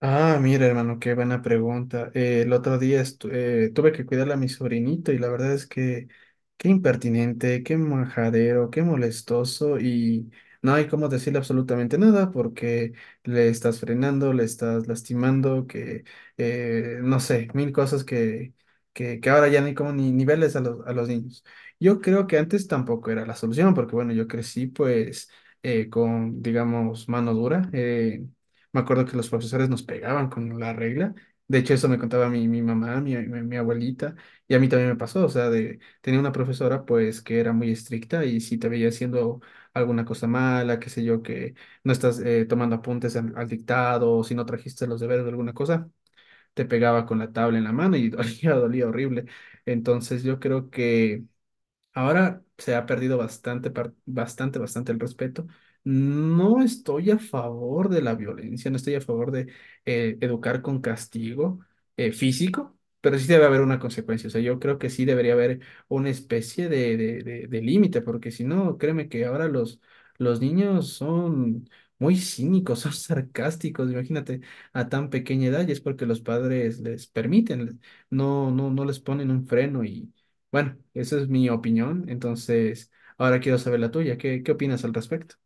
Ah, mira, hermano, qué buena pregunta. El otro día tuve que cuidar a mi sobrinito y la verdad es que qué impertinente, qué majadero, qué molestoso y no hay cómo decirle absolutamente nada porque le estás frenando, le estás lastimando, que no sé, mil cosas que, que ahora ya no hay como ni niveles a los niños. Yo creo que antes tampoco era la solución porque bueno, yo crecí pues con, digamos, mano dura. Me acuerdo que los profesores nos pegaban con la regla. De hecho, eso me contaba mi mamá, mi abuelita, y a mí también me pasó. O sea, de, tenía una profesora pues que era muy estricta y si te veía haciendo alguna cosa mala, qué sé yo, que no estás tomando apuntes al dictado, o si no trajiste los deberes de alguna cosa, te pegaba con la tabla en la mano y dolía, dolía horrible. Entonces yo creo que ahora se ha perdido bastante, bastante el respeto. No estoy a favor de la violencia, no estoy a favor de educar con castigo físico, pero sí debe haber una consecuencia. O sea, yo creo que sí debería haber una especie de límite, porque si no, créeme que ahora los niños son muy cínicos, son sarcásticos. Imagínate, a tan pequeña edad, y es porque los padres les permiten, no les ponen un freno bueno, esa es mi opinión. Entonces, ahora quiero saber la tuya. ¿Qué opinas al respecto?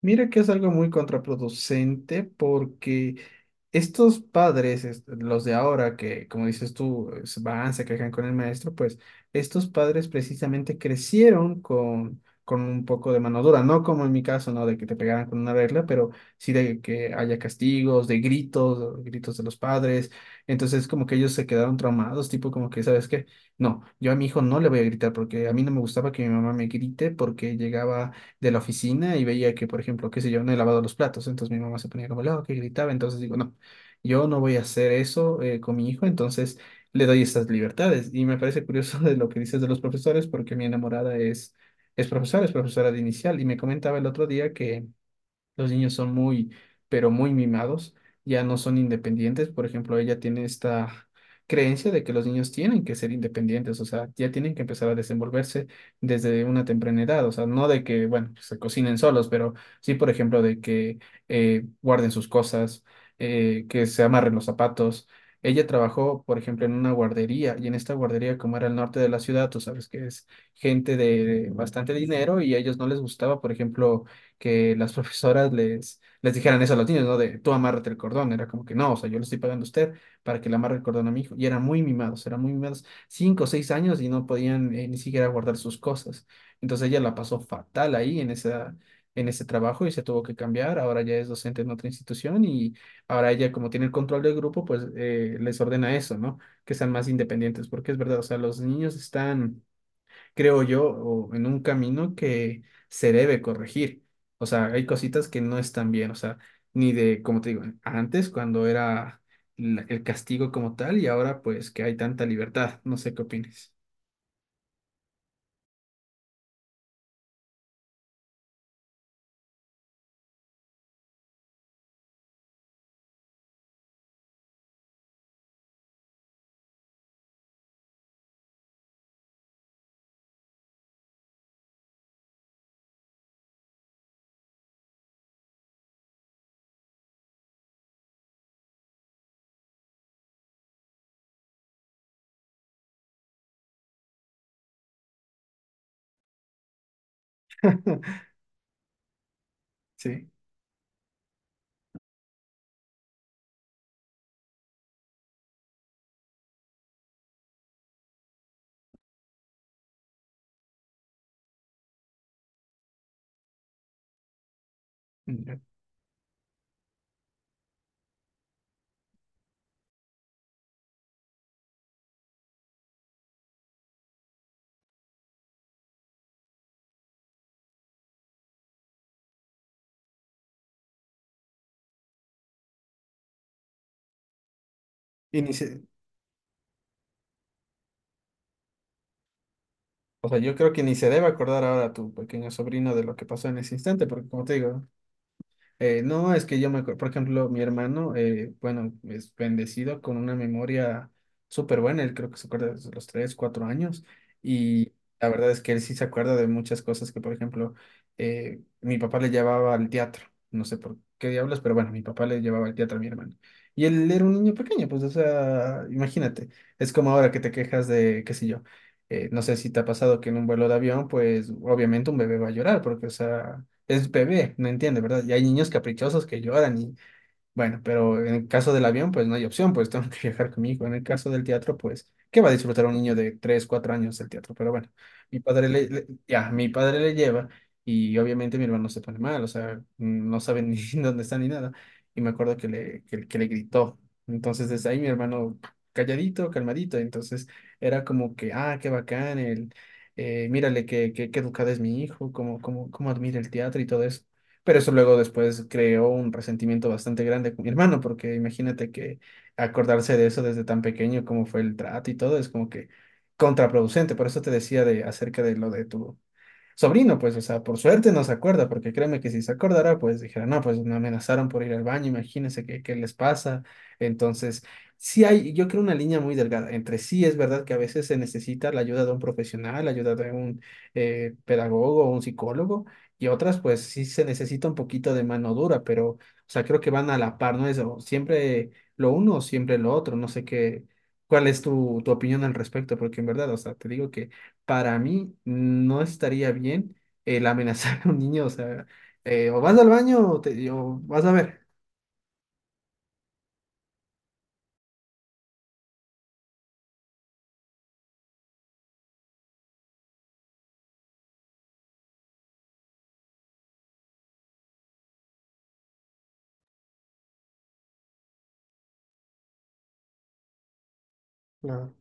Mira que es algo muy contraproducente porque estos padres, los de ahora, que como dices tú, van, se quejan con el maestro, pues estos padres precisamente crecieron con un poco de mano dura, no como en mi caso, ¿no? De que te pegaran con una regla, pero sí de que haya castigos, de gritos, gritos de los padres. Entonces como que ellos se quedaron traumados, tipo como que, ¿sabes qué? No, yo a mi hijo no le voy a gritar porque a mí no me gustaba que mi mamá me grite porque llegaba de la oficina y veía que, por ejemplo, qué sé yo, no he lavado los platos, entonces mi mamá se ponía como loca y gritaba, entonces digo, no, yo no voy a hacer eso con mi hijo, entonces le doy estas libertades. Y me parece curioso de lo que dices de los profesores, porque mi enamorada es profesora, es profesora de inicial, y me comentaba el otro día que los niños son muy, pero muy mimados, ya no son independientes. Por ejemplo, ella tiene esta creencia de que los niños tienen que ser independientes, o sea, ya tienen que empezar a desenvolverse desde una temprana edad, o sea, no de que, bueno, pues, se cocinen solos, pero sí, por ejemplo, de que guarden sus cosas, que se amarren los zapatos. Ella trabajó, por ejemplo, en una guardería y en esta guardería, como era el norte de la ciudad, tú sabes que es gente de bastante dinero y a ellos no les gustaba, por ejemplo, que las profesoras les dijeran eso a los niños, ¿no? De tú amárrate el cordón. Era como que no, o sea, yo le estoy pagando a usted para que le amarre el cordón a mi hijo. Y eran muy mimados, 5 o 6 años y no podían ni siquiera guardar sus cosas. Entonces ella la pasó fatal ahí en esa, en ese trabajo y se tuvo que cambiar. Ahora ya es docente en otra institución y ahora ella, como tiene el control del grupo, pues les ordena eso, ¿no? Que sean más independientes, porque es verdad, o sea, los niños están creo yo, o en un camino que se debe corregir. O sea, hay cositas que no están bien, o sea, ni de, como te digo, antes cuando era el castigo como tal y ahora pues que hay tanta libertad. No sé qué opines. Sí. Ya. Y ni o sea, yo creo que ni se debe acordar ahora a tu pequeño sobrino de lo que pasó en ese instante, porque como te digo, no, es que yo me acuerdo, por ejemplo, mi hermano, bueno, es bendecido con una memoria súper buena, él creo que se acuerda desde los tres, cuatro años, y la verdad es que él sí se acuerda de muchas cosas que, por ejemplo, mi papá le llevaba al teatro, no sé por qué diablos, pero bueno, mi papá le llevaba al teatro a mi hermano. Y él era un niño pequeño, pues, o sea, imagínate, es como ahora que te quejas de, qué sé yo, no sé si te ha pasado que en un vuelo de avión, pues, obviamente un bebé va a llorar, porque, o sea es bebé, no entiende, ¿verdad? Y hay niños caprichosos que lloran y, bueno, pero en el caso del avión, pues no hay opción, pues tengo que viajar con mi hijo. En el caso del teatro, pues, ¿qué va a disfrutar un niño de 3 4 años del teatro? Pero bueno, mi padre ya, mi padre le lleva y obviamente mi hermano se pone mal, o sea, no sabe ni dónde está ni nada. Y me acuerdo que le gritó. Entonces, desde ahí mi hermano calladito, calmadito. Entonces, era como que, ah, qué bacán, mírale qué, qué educado es mi hijo, cómo, cómo admira el teatro y todo eso. Pero eso luego después creó un resentimiento bastante grande con mi hermano, porque imagínate que acordarse de eso desde tan pequeño, cómo fue el trato y todo, es como que contraproducente. Por eso te decía de acerca de lo de tu sobrino, pues, o sea, por suerte no se acuerda, porque créeme que si se acordara, pues dijera, no, pues me amenazaron por ir al baño, imagínense qué, les pasa. Entonces, sí hay, yo creo una línea muy delgada entre sí, es verdad que a veces se necesita la ayuda de un profesional, la ayuda de un pedagogo o un psicólogo, y otras, pues sí se necesita un poquito de mano dura, pero, o sea, creo que van a la par, ¿no? Eso, siempre lo uno, o siempre lo otro, no sé qué. ¿Cuál es tu opinión al respecto? Porque en verdad, o sea, te digo que para mí no estaría bien el amenazar a un niño, o sea, o vas al baño o, te, o vas a ver. No.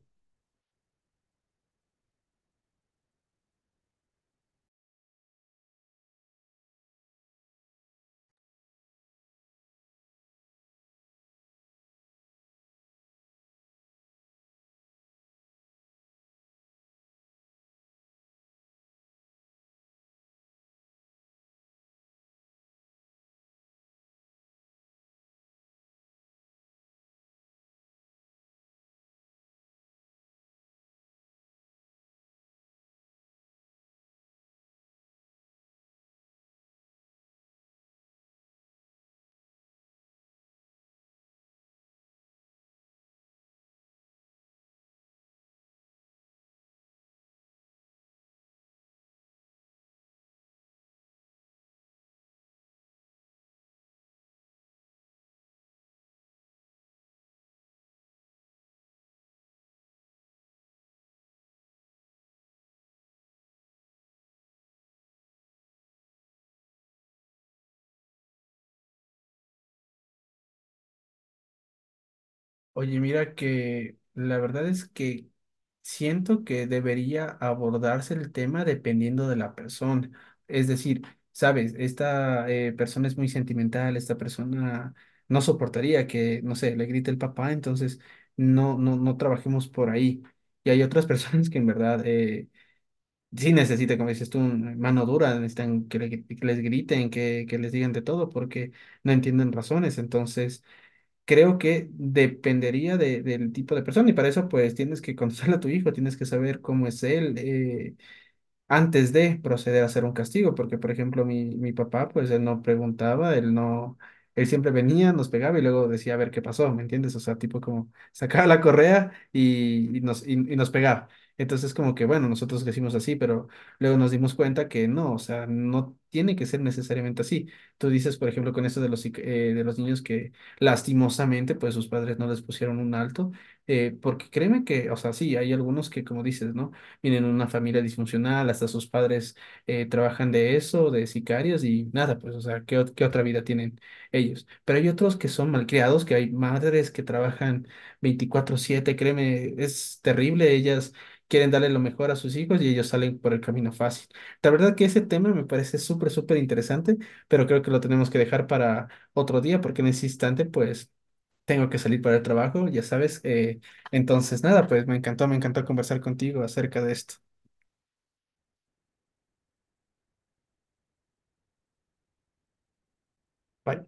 Oye, mira que la verdad es que siento que debería abordarse el tema dependiendo de la persona. Es decir, sabes, esta persona es muy sentimental, esta persona no soportaría que, no sé, le grite el papá, entonces no trabajemos por ahí. Y hay otras personas que en verdad sí necesita, como dices tú, mano dura, necesitan que, que les griten, que les digan de todo, porque no entienden razones. Entonces, creo que dependería del tipo de persona y para eso, pues, tienes que conocer a tu hijo, tienes que saber cómo es él, antes de proceder a hacer un castigo, porque por ejemplo mi papá, pues él no preguntaba, él no, él siempre venía, nos pegaba y luego decía a ver qué pasó, ¿me entiendes? O sea, tipo como sacaba la correa y nos pegaba. Entonces como que bueno, nosotros crecimos así, pero luego nos dimos cuenta que no, o sea, no tiene que ser necesariamente así. Tú dices, por ejemplo, con esto de los niños que lastimosamente, pues sus padres no les pusieron un alto, porque créeme que, o sea, sí, hay algunos que como dices, ¿no? Vienen de una familia disfuncional, hasta sus padres trabajan de eso, de sicarios y nada, pues, o sea, ¿qué otra vida tienen ellos? Pero hay otros que son malcriados, que hay madres que trabajan 24/7 créeme, es terrible, ellas quieren darle lo mejor a sus hijos y ellos salen por el camino fácil. La verdad que ese tema me parece súper, súper interesante, pero creo que lo tenemos que dejar para otro día porque en ese instante, pues... Tengo que salir para el trabajo, ya sabes. Entonces, nada, pues me encantó conversar contigo acerca de esto. Bye.